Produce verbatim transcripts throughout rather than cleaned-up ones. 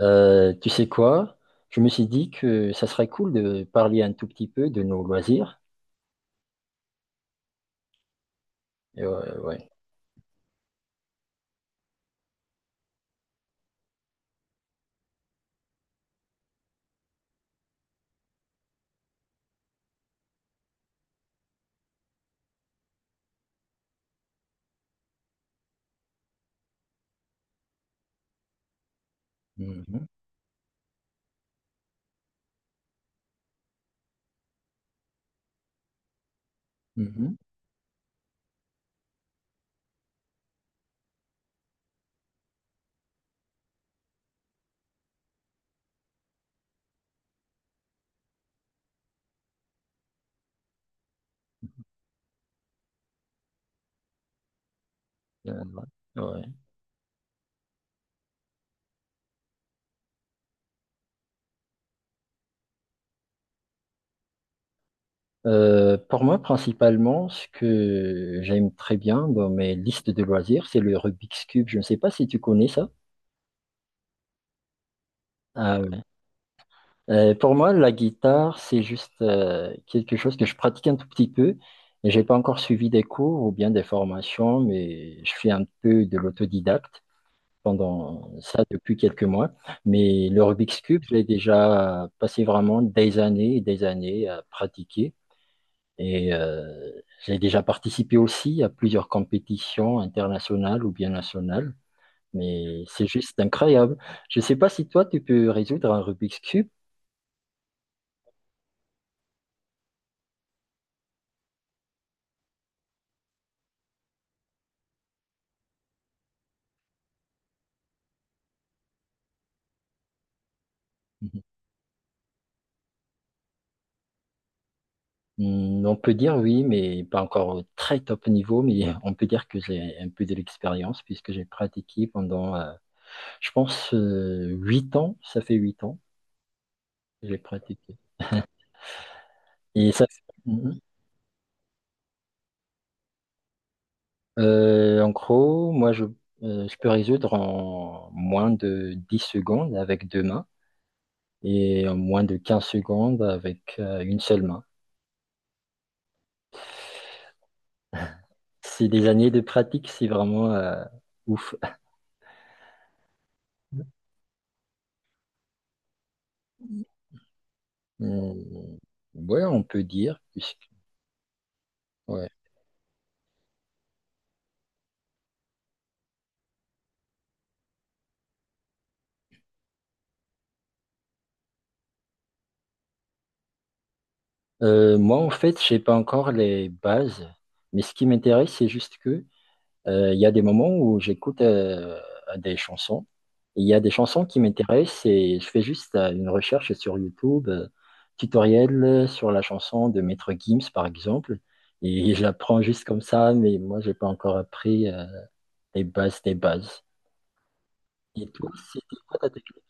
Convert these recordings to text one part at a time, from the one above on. Euh, tu sais quoi? Je me suis dit que ça serait cool de parler un tout petit peu de nos loisirs. Et ouais, ouais. Mhm, mhm. Euh, ouais. Ouais. Euh, pour moi, principalement, ce que j'aime très bien dans mes listes de loisirs, c'est le Rubik's Cube. Je ne sais pas si tu connais ça. Ah ouais. Euh, pour moi, la guitare, c'est juste euh, quelque chose que je pratique un tout petit peu. Et j'ai pas encore suivi des cours ou bien des formations, mais je fais un peu de l'autodidacte pendant ça depuis quelques mois. Mais le Rubik's Cube, j'ai déjà passé vraiment des années et des années à pratiquer. Et euh, j'ai déjà participé aussi à plusieurs compétitions internationales ou bien nationales. Mais c'est juste incroyable. Je ne sais pas si toi, tu peux résoudre un Rubik's Cube. Hmm, on peut dire oui, mais pas encore au très top niveau, mais on peut dire que j'ai un peu de l'expérience puisque j'ai pratiqué pendant, euh, je pense, euh, huit ans. Ça fait huit ans. J'ai pratiqué. Et ça. c'est- Mhm. Euh, en gros, moi, je, euh, je peux résoudre en moins de dix secondes avec deux mains et en moins de quinze secondes avec euh, une seule main. C'est des années de pratique, c'est vraiment euh, ouf. Hum, Ouais, on peut dire. puisque- ouais. Euh, moi, en fait, je sais pas encore les bases, mais ce qui m'intéresse, c'est juste que. Euh, Il y a des moments où j'écoute euh, euh, des chansons. Il y a des chansons qui m'intéressent et je fais juste euh, une recherche sur YouTube, euh, tutoriel euh, sur la chanson de Maître Gims, par exemple. Et j'apprends juste comme ça, mais moi, j'ai pas encore appris euh, les bases des bases. Et toi, c'était quoi ta technique?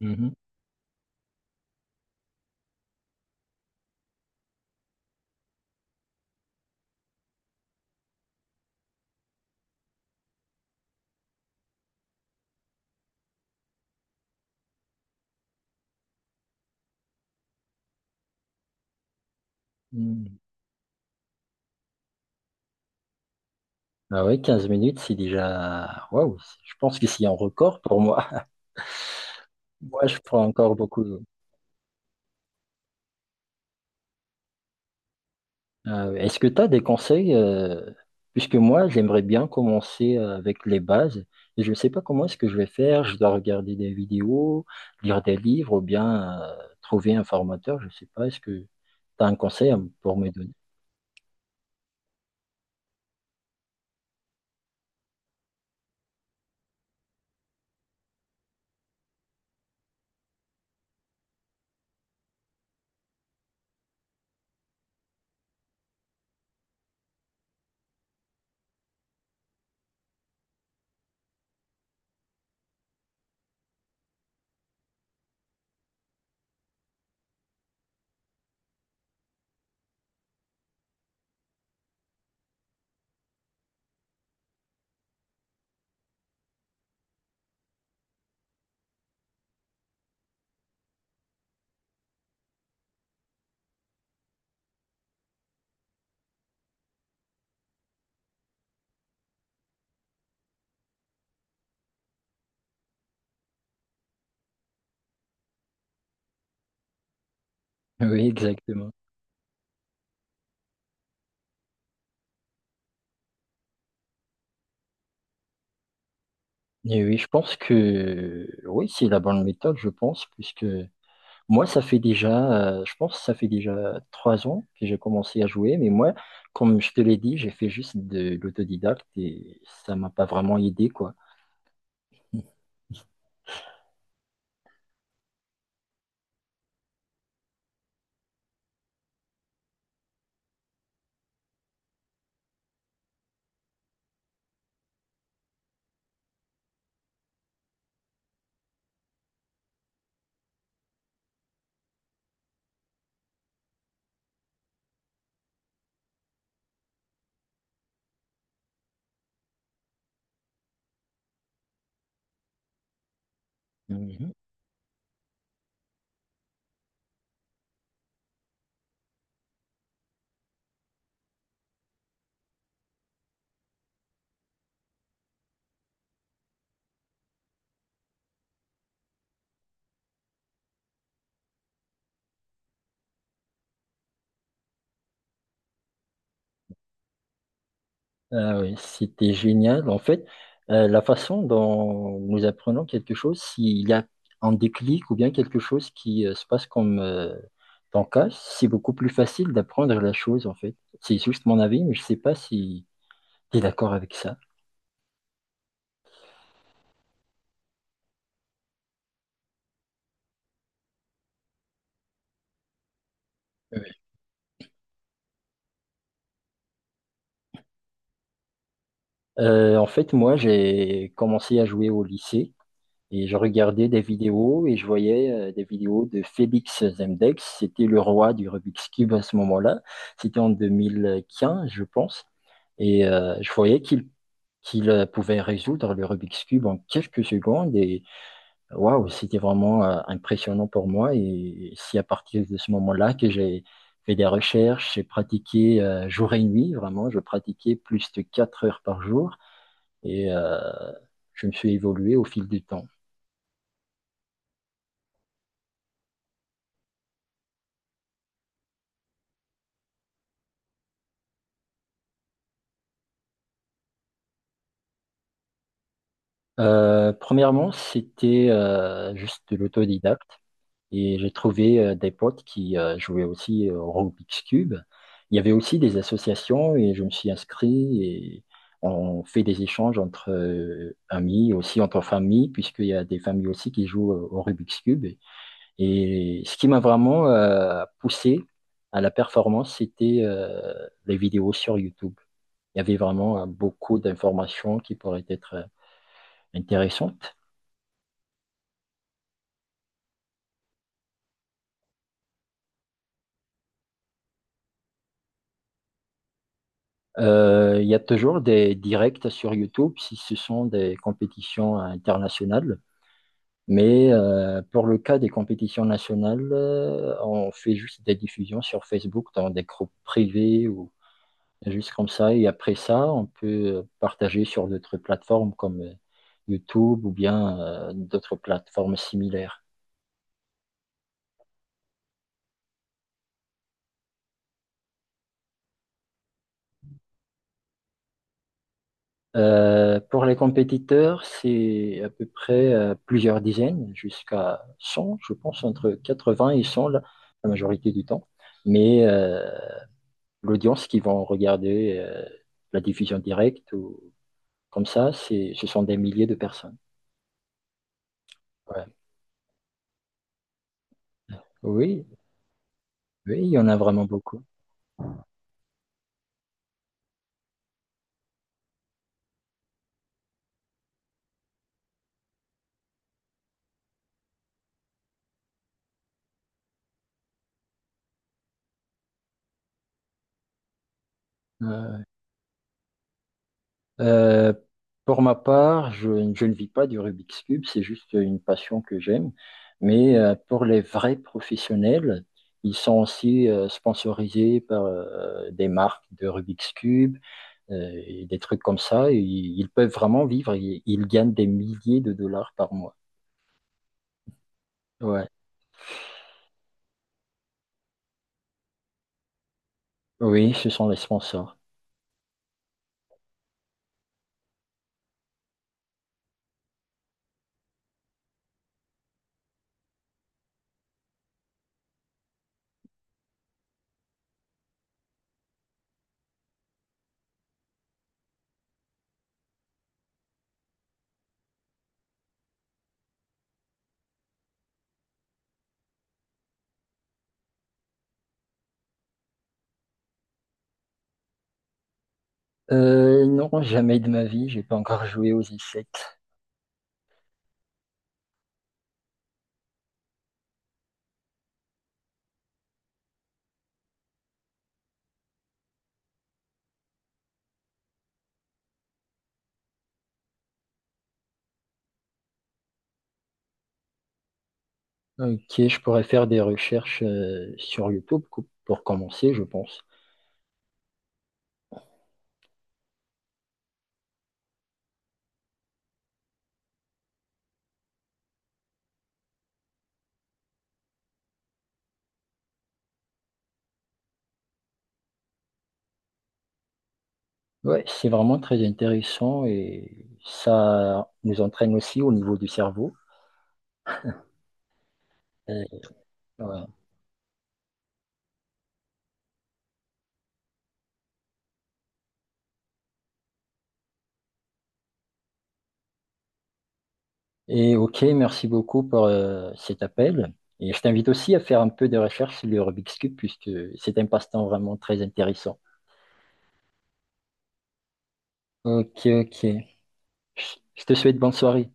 Mhm. Mhm. Ah ouais, quinze minutes, c'est déjà. Waouh, je pense que c'est un record pour moi. Moi, je prends encore beaucoup. Ah oui. Est-ce que tu as des conseils? Euh, puisque moi, j'aimerais bien commencer euh, avec les bases. Et je ne sais pas comment est-ce que je vais faire. Je dois regarder des vidéos, lire des livres ou bien euh, trouver un formateur. Je ne sais pas. Est-ce que tu as un conseil à m- pour me donner? Oui, exactement. Et oui, je pense que oui, c'est la bonne méthode, je pense, puisque moi, ça fait déjà, euh, je pense que ça fait déjà trois ans que j'ai commencé à jouer, mais moi, comme je te l'ai dit, j'ai fait juste de l'autodidacte et ça m'a pas vraiment aidé, quoi. Mhm. Ah oui, c'était génial. En fait, euh, la façon dont nous apprenons quelque chose, s'il y a un déclic ou bien quelque chose qui euh, se passe comme euh, ton cas, c'est beaucoup plus facile d'apprendre la chose, en fait. C'est juste mon avis, mais je sais pas si tu es d'accord avec ça. Euh, en fait, moi, j'ai commencé à jouer au lycée et je regardais des vidéos et je voyais euh, des vidéos de Félix Zemdex. C'était le roi du Rubik's Cube à ce moment-là. C'était en deux mille quinze, je pense. Et euh, je voyais qu'il qu'il euh, pouvait résoudre le Rubik's Cube en quelques secondes. Et waouh, c'était vraiment euh, impressionnant pour moi. Et c'est à partir de ce moment-là que j'ai fait des recherches, j'ai pratiqué euh, jour et nuit, vraiment. Je pratiquais plus de quatre heures par jour et euh, je me suis évolué au fil du temps. Euh, premièrement, c'était euh, juste de l'autodidacte et j'ai trouvé euh, des potes qui euh, jouaient aussi au Rubik's Cube. Il y avait aussi des associations et je me suis inscrit et on fait des échanges entre euh, amis, aussi entre familles, puisqu'il y a des familles aussi qui jouent au Rubik's Cube. Et ce qui m'a vraiment euh, poussé à la performance, c'était euh, les vidéos sur YouTube. Il y avait vraiment euh, beaucoup d'informations qui pourraient être euh, intéressantes. Euh, il y a toujours des directs sur YouTube si ce sont des compétitions internationales. Mais euh, pour le cas des compétitions nationales, euh, on fait juste des diffusions sur Facebook dans des groupes privés ou. Juste comme ça. Et après ça, on peut euh, partager sur d'autres plateformes comme euh, YouTube ou bien euh, d'autres plateformes similaires. Euh, pour les compétiteurs, c'est à peu près euh, plusieurs dizaines, jusqu'à cent je pense, entre quatre-vingts et cent la, la majorité du temps. Mais euh, l'audience qui vont regarder euh, la diffusion directe ou comme ça, c'est, ce sont des milliers de personnes. Ouais. Oui, oui, il y en a vraiment beaucoup. Euh, Euh, pour ma part, je, je ne vis pas du Rubik's Cube, c'est juste une passion que j'aime. Mais euh, pour les vrais professionnels, ils sont aussi euh, sponsorisés par euh, des marques de Rubik's Cube euh, et des trucs comme ça. Et ils, ils peuvent vraiment vivre, ils, ils gagnent des milliers de dollars par mois. Ouais. Oui, ce sont les sponsors. Euh, non, jamais de ma vie, j'ai pas encore joué aux échecs. Ok, je pourrais faire des recherches euh, sur YouTube co- pour commencer, je pense. Ouais, c'est vraiment très intéressant et ça nous entraîne aussi au niveau du cerveau. Euh, ouais. Et ok, merci beaucoup pour euh, cet appel. Et je t'invite aussi à faire un peu de recherche sur le Rubik's Cube puisque c'est un passe-temps vraiment très intéressant. Ok, ok. Je je te souhaite bonne soirée.